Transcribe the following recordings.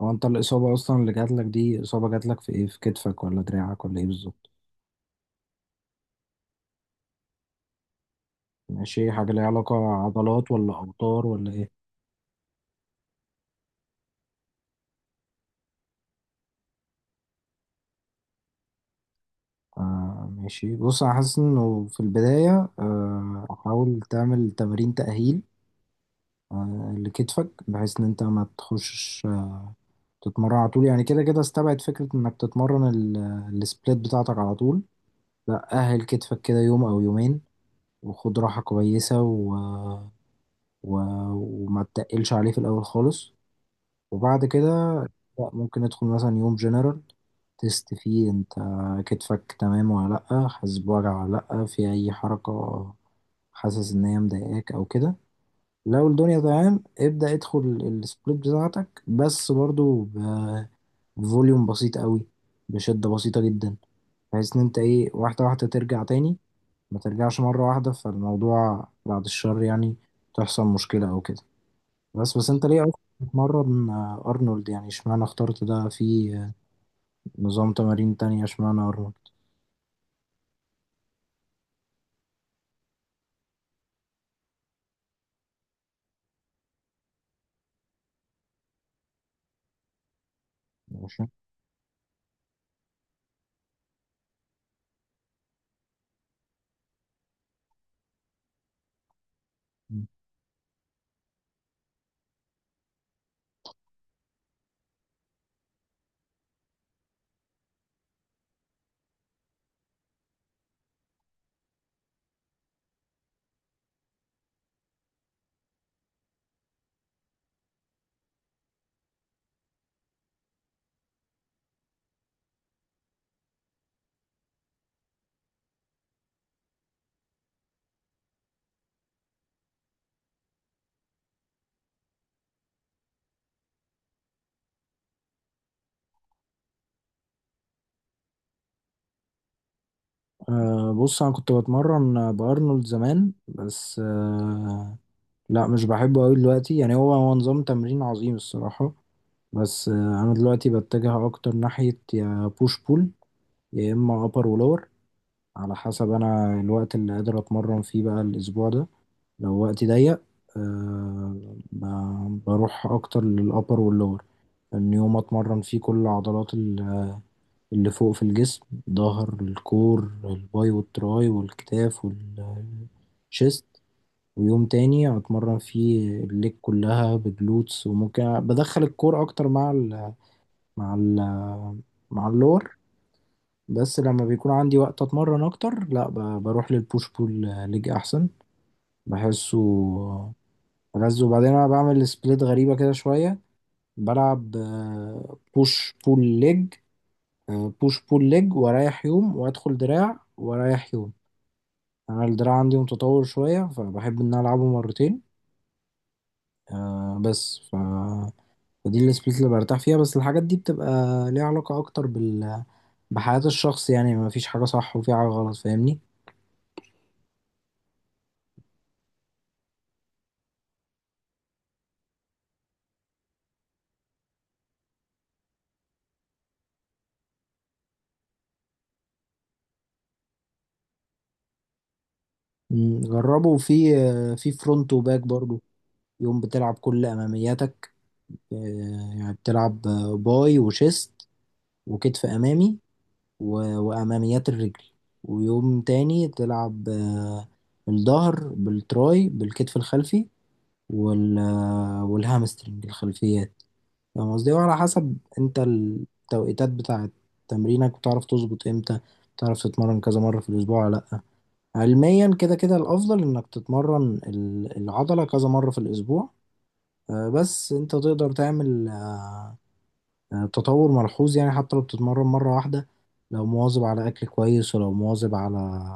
هو انت الإصابة أصلا اللي جاتلك دي إصابة جاتلك في إيه؟ في كتفك ولا دراعك ولا إيه بالظبط؟ ماشي، حاجة ليها علاقة عضلات ولا أوتار ولا إيه؟ آه، ماشي، بص، أنا حاسس إنه في البداية حاول تعمل تمارين تأهيل لكتفك بحيث إن أنت ما تخشش، تتمرن على طول. يعني كده كده استبعد فكرة إنك تتمرن السبليت بتاعتك على طول. لا، أهل كتفك كده يوم أو يومين، وخد راحة كويسة و... وما تتقلش عليه في الأول خالص، وبعد كده لا ممكن ندخل مثلا يوم جنرال تيست فيه انت كتفك تمام ولا لأ، حاسس بوجع ولا لأ في أي حركة، حاسس إن هي مضايقاك أو كده. لو الدنيا تمام ابدأ ادخل السبليت بتاعتك، بس برضو بفوليوم بسيط قوي، بشدة بسيطة جدا، بحيث إن انت ايه واحدة واحدة ترجع تاني، ما ترجعش مرة واحدة فالموضوع بعد الشر يعني تحصل مشكلة أو كده. بس انت ليه أصلا بتتمرن أرنولد؟ يعني اشمعنى اخترت ده في نظام تمارين تانية؟ اشمعنى ارنولد؟ ماشي. أه، بص، انا كنت بتمرن بارنولد زمان، بس لا مش بحبه قوي دلوقتي. يعني هو هو نظام تمرين عظيم الصراحة، بس انا دلوقتي بتجه اكتر ناحية يا بوش بول، يا اما ابر ولور، على حسب انا الوقت اللي قادر اتمرن فيه بقى الاسبوع ده. لو وقتي ضيق، أه بروح اكتر للابر واللور، ان يوم اتمرن فيه كل عضلات اللي فوق في الجسم، ظهر الكور الباي والتراي والكتاف والشيست، ويوم تاني هتمرن فيه الليج كلها بجلوتس، وممكن بدخل الكور اكتر مع ال مع ال مع اللور. بس لما بيكون عندي وقت اتمرن اكتر، لا بروح للبوش بول ليج احسن، بحسه ألذ. وبعدين انا بعمل سبليت غريبة كده شوية: بلعب بوش بول ليج بوش بول ليج، واريح يوم وادخل دراع واريح يوم. يعني انا الدراع عندي متطور شويه فبحب ان أنا العبه مرتين، بس فدي السبليت اللي برتاح فيها. بس الحاجات دي بتبقى ليها علاقه اكتر بحياه الشخص، يعني ما فيش حاجه صح وفي حاجه غلط، فاهمني. جربه في فرونت وباك برضو. يوم بتلعب كل امامياتك آه، يعني بتلعب، باي وشيست وكتف امامي و- وأماميات الرجل. ويوم تاني تلعب، الظهر بالتراي بالكتف الخلفي وال آه، والهامسترنج الخلفيات. فاهم قصدي، وعلى حسب انت التوقيتات بتاعة تمرينك بتعرف تظبط امتى، بتعرف تتمرن كذا مرة في الأسبوع ولا لأ. علميا كده كده الأفضل إنك تتمرن العضلة كذا مرة في الأسبوع. بس انت تقدر تعمل، يعني التطور ملحوظ، يعني حتى لو بتتمرن مرة واحدة، لو مواظب على أكل كويس، ولو مواظب على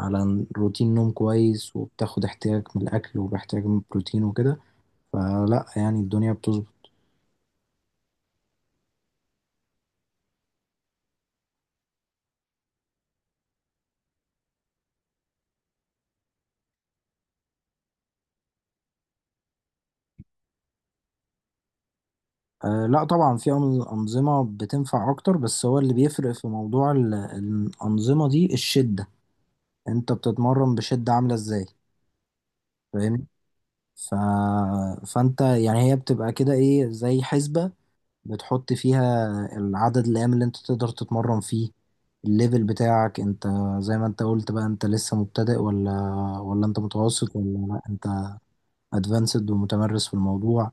على روتين نوم كويس، وبتاخد احتياج من الأكل وباحتياج من البروتين وكده، فلا يعني الدنيا بتظبط. أه، لا طبعا في أنظمة بتنفع أكتر، بس هو اللي بيفرق في موضوع الأنظمة دي الشدة. أنت بتتمرن بشدة عاملة إزاي؟ فاهمني؟ ف... فأنت يعني هي بتبقى كده إيه زي حسبة، بتحط فيها العدد الأيام اللي انت تقدر تتمرن فيه، الليفل بتاعك انت، زي ما انت قلت بقى انت لسه مبتدئ ولا انت متوسط، ولا لا انت ادفانسد ومتمرس في الموضوع؟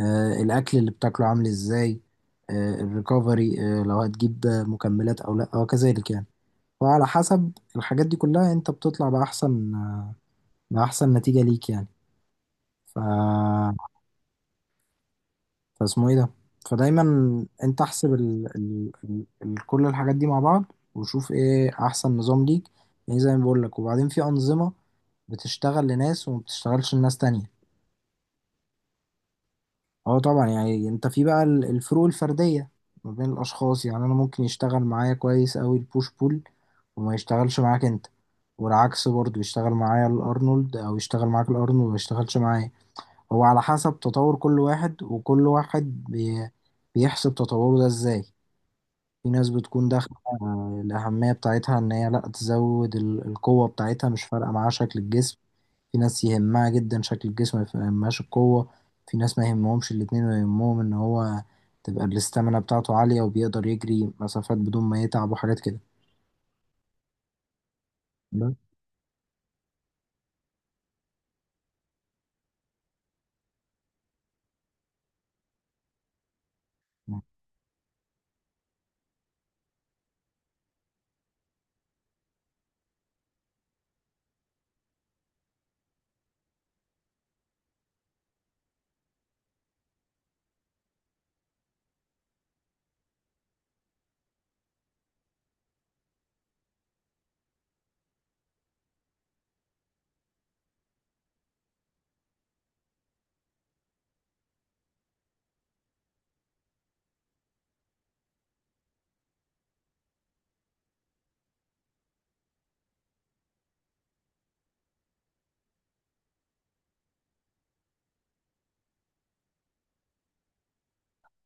الاكل اللي بتاكله عامل ازاي، الريكفري، لو هتجيب مكملات او لا، وكذلك يعني. وعلى حسب الحاجات دي كلها انت بتطلع بأحسن نتيجة ليك يعني. ف فاسمه ايه ده. فدايما انت احسب كل الحاجات دي مع بعض، وشوف ايه احسن نظام ليك. يعني زي ما بقول لك، وبعدين في انظمه بتشتغل لناس وما بتشتغلش لناس تانية. اه طبعا، يعني انت في بقى الفروق الفرديه ما بين الاشخاص. يعني انا ممكن يشتغل معايا كويس قوي البوش بول وما يشتغلش معاك انت، والعكس برضه، يشتغل معايا الارنولد او يشتغل معاك الارنولد وما يشتغلش معايا. هو على حسب تطور كل واحد، وكل واحد بيحسب تطوره ده ازاي. في ناس بتكون داخلة، الأهمية بتاعتها إن هي لأ تزود القوة بتاعتها، مش فارقة معاها شكل الجسم. في ناس يهمها جدا شكل الجسم، ما يهمهاش القوة. في ناس ما يهمهمش الاتنين، ويهمهم إن هو تبقى الاستامينا بتاعته عالية، وبيقدر يجري مسافات بدون ما يتعب وحاجات كده. بس.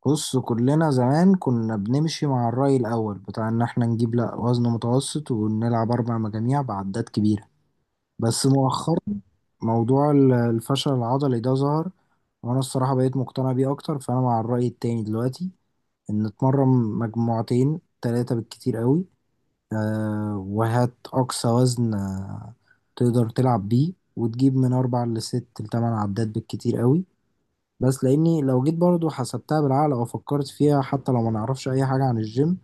بص، كلنا زمان كنا بنمشي مع الرأي الأول بتاع إن إحنا نجيب، لأ، وزن متوسط ونلعب 4 مجاميع بعدات كبيرة، بس مؤخرا موضوع الفشل العضلي ده ظهر، وانا الصراحة بقيت مقتنع بيه اكتر. فانا مع الرأي التاني دلوقتي، ان اتمرن مجموعتين تلاتة بالكتير قوي. أه، وهات اقصى وزن، تقدر تلعب بيه، وتجيب من 4 لـ6 لـ8 عدات بالكتير قوي. بس لاني لو جيت برضو حسبتها بالعقل او فكرت فيها، حتى لو ما نعرفش اي حاجة عن الجيم،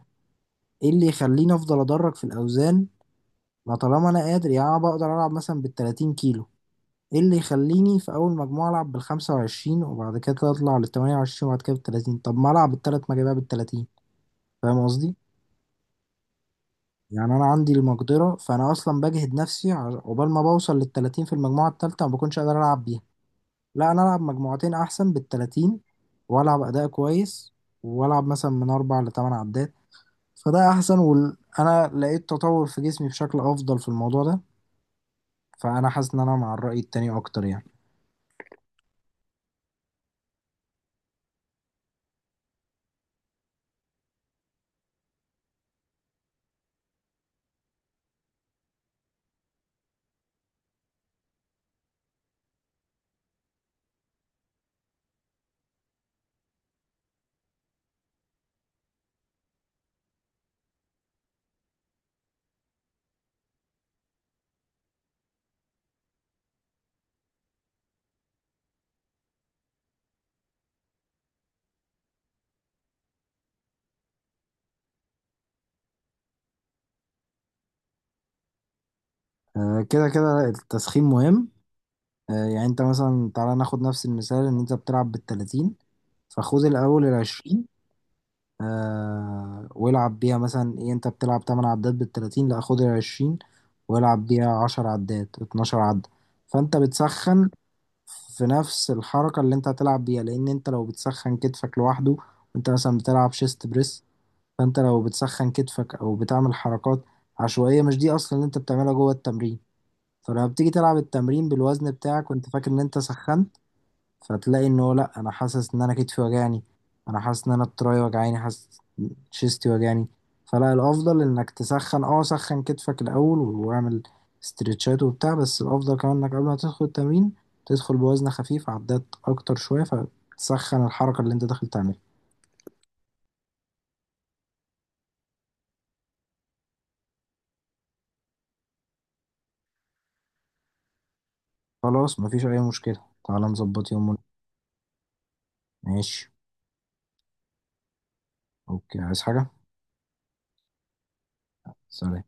ايه اللي يخليني افضل ادرج في الاوزان؟ ما طالما انا قادر، يعني انا بقدر العب مثلا بـ30 كيلو، ايه اللي يخليني في اول مجموعة العب بـ25 وبعد كده اطلع لـ28 وبعد كده بالتلاتين؟ طب ما العب الـ3 مجاميع بالتلاتين. فاهم قصدي؟ يعني انا عندي المقدرة، فانا اصلا بجهد نفسي عقبال ما بوصل للتلاتين في المجموعة التالتة، ما بكونش قادر العب بيها. لا، انا العب مجموعتين احسن بالتلاتين، والعب اداء كويس، والعب مثلا من 4 لـ8 عدات، فده احسن. وانا لقيت تطور في جسمي بشكل افضل في الموضوع ده، فانا حاسس ان انا مع الرأي التاني اكتر يعني. كده كده التسخين مهم. يعني انت مثلا تعالى ناخد نفس المثال: ان انت بتلعب بالتلاتين، فخد الاول العشرين والعب بيها، مثلا ايه، انت بتلعب 8 عدات بالتلاتين، لا خد العشرين والعب بيها 10 عدات 12 عدة، فانت بتسخن في نفس الحركة اللي انت هتلعب بيها. لان انت لو بتسخن كتفك لوحده وانت مثلا بتلعب شيست بريس، فانت لو بتسخن كتفك او بتعمل حركات عشوائية مش دي اصلا اللي انت بتعملها جوه التمرين، فلما بتيجي تلعب التمرين بالوزن بتاعك وانت فاكر ان انت سخنت، فتلاقي ان هو لا، انا حاسس ان انا كتفي وجعني، انا حاسس ان انا التراي وجعاني، حاسس شيستي وجعني. فلا، الافضل انك تسخن، سخن كتفك الاول واعمل استرتشات وبتاع، بس الافضل كمان انك قبل ما تدخل التمرين تدخل بوزن خفيف عدات اكتر شوية فتسخن الحركة اللي انت داخل تعملها. خلاص، مفيش اي مشكلة. تعالى نظبط يوم ماشي. اوكي. عايز حاجة؟ سلام.